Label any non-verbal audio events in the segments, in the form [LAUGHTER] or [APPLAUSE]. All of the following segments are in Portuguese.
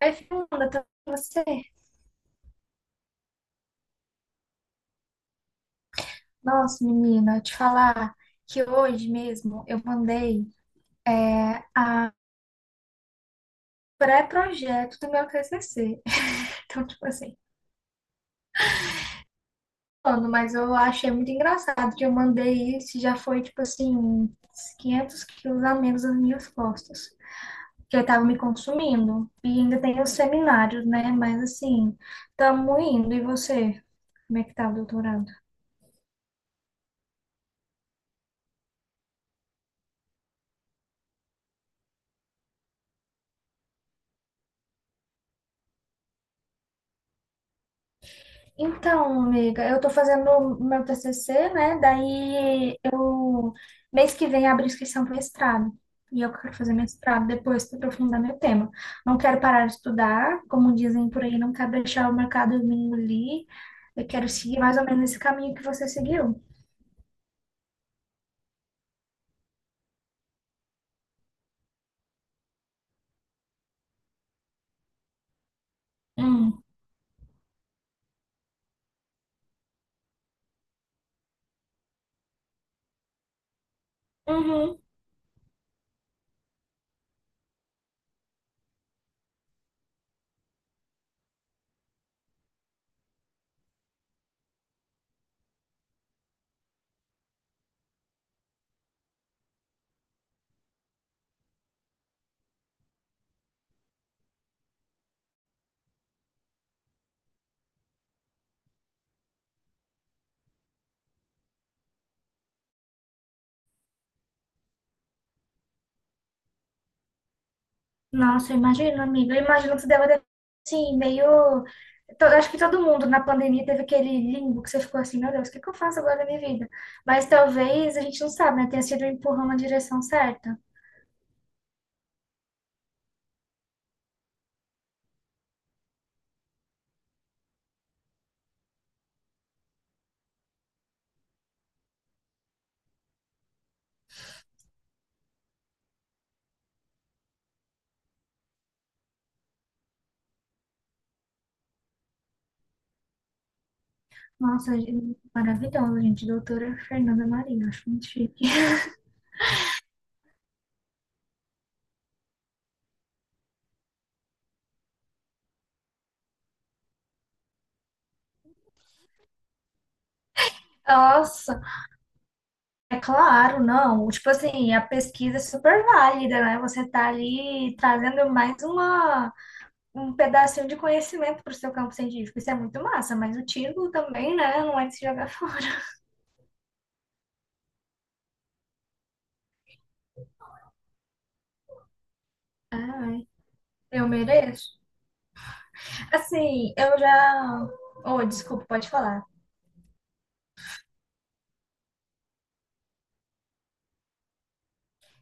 Aí, Fernanda, tá com você? Nossa, menina, te falar que hoje mesmo eu mandei é, a pré-projeto do meu TCC. [LAUGHS] Então, tipo assim, mano, mas eu achei muito engraçado que eu mandei isso e já foi, tipo assim, uns 500 quilos a menos nas minhas costas. Que eu tava me consumindo. E ainda tem os seminários, né? Mas assim, tamo indo. E você? Como é que tá o doutorado? Então, amiga, eu tô fazendo o meu TCC, né? Daí eu mês que vem abro inscrição para mestrado. E eu quero fazer mestrado depois para aprofundar meu tema. Não quero parar de estudar, como dizem por aí, não quero deixar o mercado me engolir. Eu quero seguir mais ou menos esse caminho que você seguiu. Hum. Uhum. Nossa, eu imagino, amiga. Eu imagino que você deve ter, assim, meio. Acho que todo mundo na pandemia teve aquele limbo que você ficou assim, meu Deus, o que que eu faço agora na minha vida? Mas talvez a gente não sabe, né? Tenha sido um empurrão na direção certa. Nossa, maravilhosa, gente. Doutora Fernanda Maria, acho muito chique. [LAUGHS] Nossa, é claro, não. Tipo assim, a pesquisa é super válida, né? Você tá ali trazendo mais uma. Um pedacinho de conhecimento para o seu campo científico. Isso é muito massa, mas o título também, né? Não é de se jogar [LAUGHS] fora. Ai, eu mereço. Assim, eu já. Oh, desculpa, pode falar.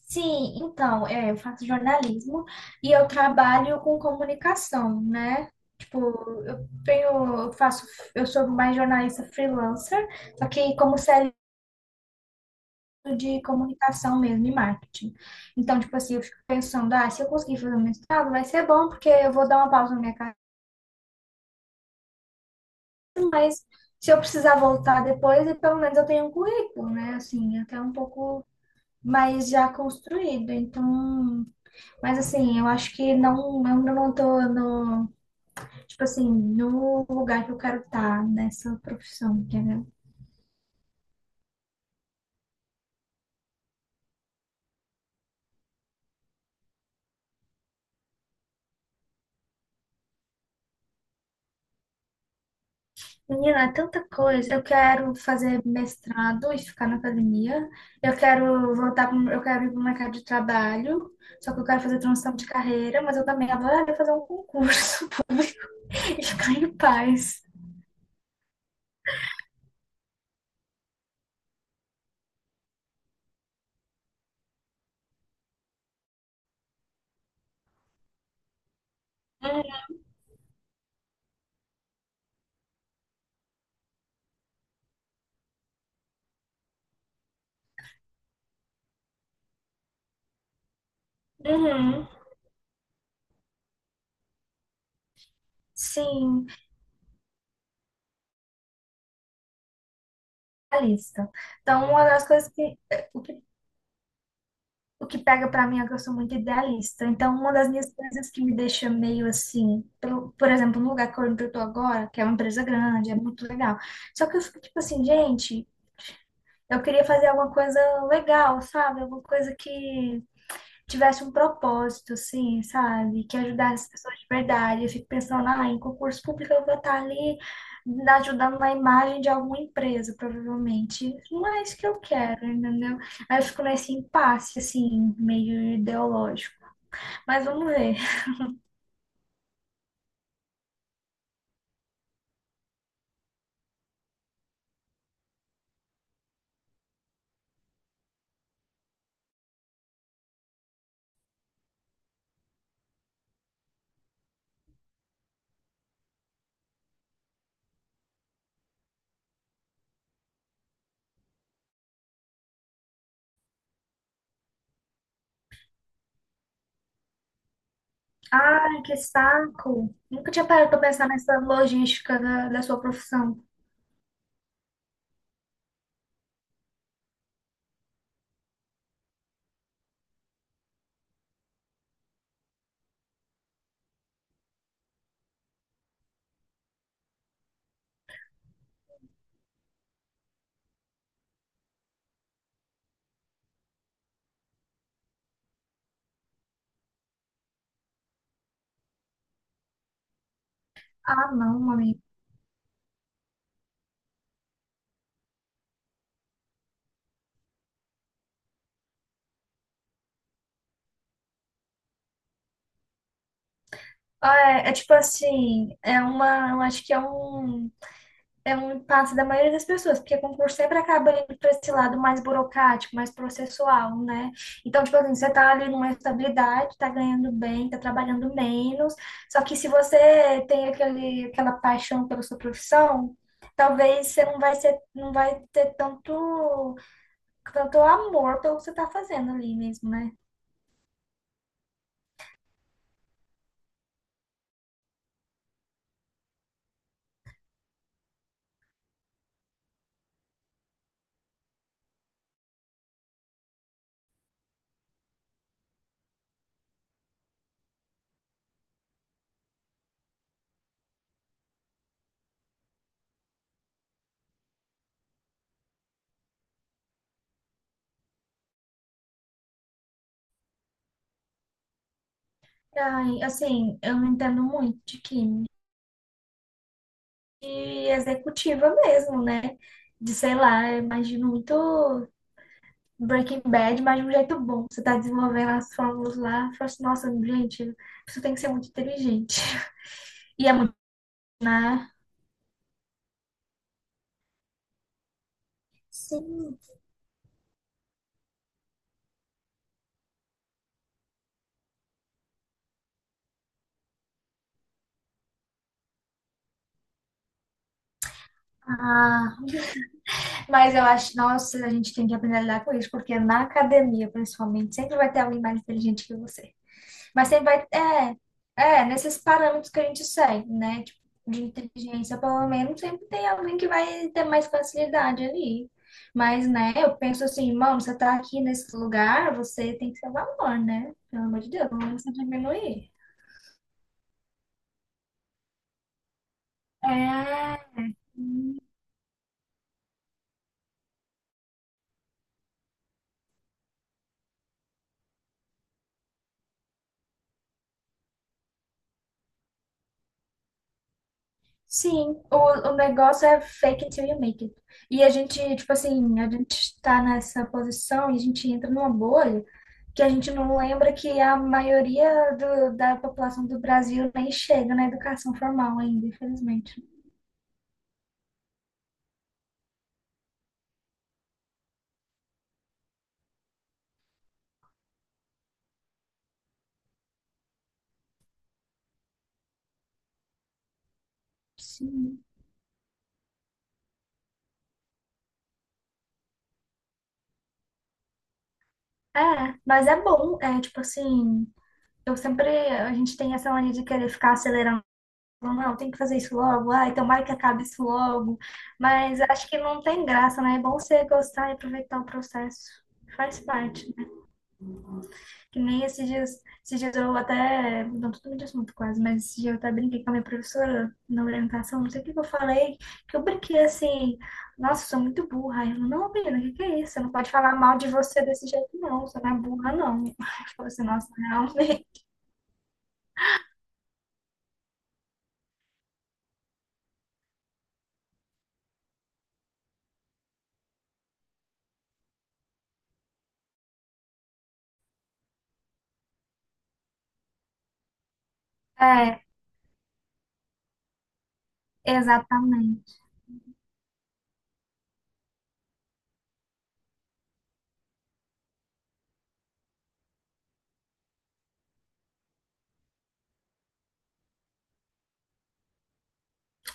Sim, então, eu faço jornalismo e eu trabalho com comunicação, né? Tipo, eu tenho, eu faço, eu sou mais jornalista freelancer, só que como CLT de comunicação mesmo e marketing. Então, tipo assim, eu fico pensando, ah, se eu conseguir fazer um mestrado, vai ser bom, porque eu vou dar uma pausa na minha carreira. Se eu precisar voltar depois, e pelo menos eu tenho um currículo, né? Assim, até um pouco mais já construído. Então, mas assim, eu acho que não, eu ainda não tô no, tipo assim, no lugar que eu quero estar nessa profissão, entendeu? Menina, é tanta coisa. Eu quero fazer mestrado e ficar na academia. Eu quero ir para o mercado de trabalho. Só que eu quero fazer transição de carreira, mas eu também adoraria fazer um concurso [LAUGHS] público e ficar em paz. Uhum. Sim, a lista. Então, uma das coisas que, o que o que pega pra mim é que eu sou muito idealista. Então, uma das minhas coisas que me deixa meio assim, pelo- por exemplo, no lugar que eu tô agora, que é uma empresa grande, é muito legal. Só que eu fico tipo assim, gente, eu queria fazer alguma coisa legal, sabe? Alguma coisa que tivesse um propósito, assim, sabe? Que ajudasse as pessoas de verdade. Eu fico pensando, ah, em concurso público eu vou estar ali ajudando na imagem de alguma empresa, provavelmente. Não é isso que eu quero, entendeu? Aí eu fico nesse impasse, assim, meio ideológico. Mas vamos ver. Ai, que saco! Nunca tinha parado pra pensar nessa logística da sua profissão. Ah, não, amigo. Ah, é, é tipo assim, é uma, eu acho que é um impasse da maioria das pessoas, porque concurso sempre acaba indo para esse lado mais burocrático, mais processual, né? Então, tipo assim, você tá ali numa estabilidade, tá ganhando bem, tá trabalhando menos, só que se você tem aquele, aquela paixão pela sua profissão, talvez você não vai ser, não vai ter tanto, tanto amor pelo que você tá fazendo ali mesmo, né? Ai, assim, eu não entendo muito de química e executiva mesmo, né? De, sei lá, eu imagino muito Breaking Bad, mas de um jeito bom. Você tá desenvolvendo as fórmulas lá. Fala assim, nossa, gente, a tem que ser muito inteligente. [LAUGHS] E é muito, né? Sim. Ah, mas eu acho, nossa, a gente tem que aprender a lidar com isso, porque na academia, principalmente, sempre vai ter alguém mais inteligente que você. Mas sempre vai. É, é, nesses parâmetros que a gente segue, né? Tipo, de inteligência, pelo menos, sempre tem alguém que vai ter mais facilidade ali. Mas, né, eu penso assim, mano, você tá aqui nesse lugar, você tem que ter valor, né? Pelo amor de Deus, não se diminuir. É. Sim, o negócio é fake until you make it. E a gente, tipo assim, a gente está nessa posição e a gente entra numa bolha que a gente não lembra que a maioria da população do Brasil nem chega na educação formal ainda, infelizmente. Sim. É, mas é bom, é tipo assim, eu sempre, a gente tem essa mania de querer ficar acelerando. Não, não, tem que fazer isso logo. Ai, tomara que acabe isso logo. Mas acho que não tem graça, né? É bom você gostar e aproveitar o processo. Faz parte, né? Que nem esses dias, eu até, não tô mudando de assunto quase, mas esses dias eu até brinquei com a minha professora na orientação, não sei o que que eu falei, que eu brinquei assim, nossa, eu sou muito burra. Aí ela, não, menina, o que que é isso? Você não pode falar mal de você desse jeito, não, você não é burra, não. [LAUGHS] Eu falei assim, nossa, realmente. É, exatamente.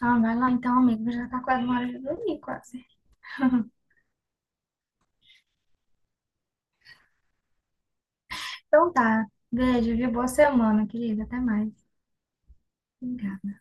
Ah, vai lá então, amigo. Já tá quase uma hora de dormir, quase. Então tá. Beijo, viu? Boa semana, querida. Até mais. Obrigada.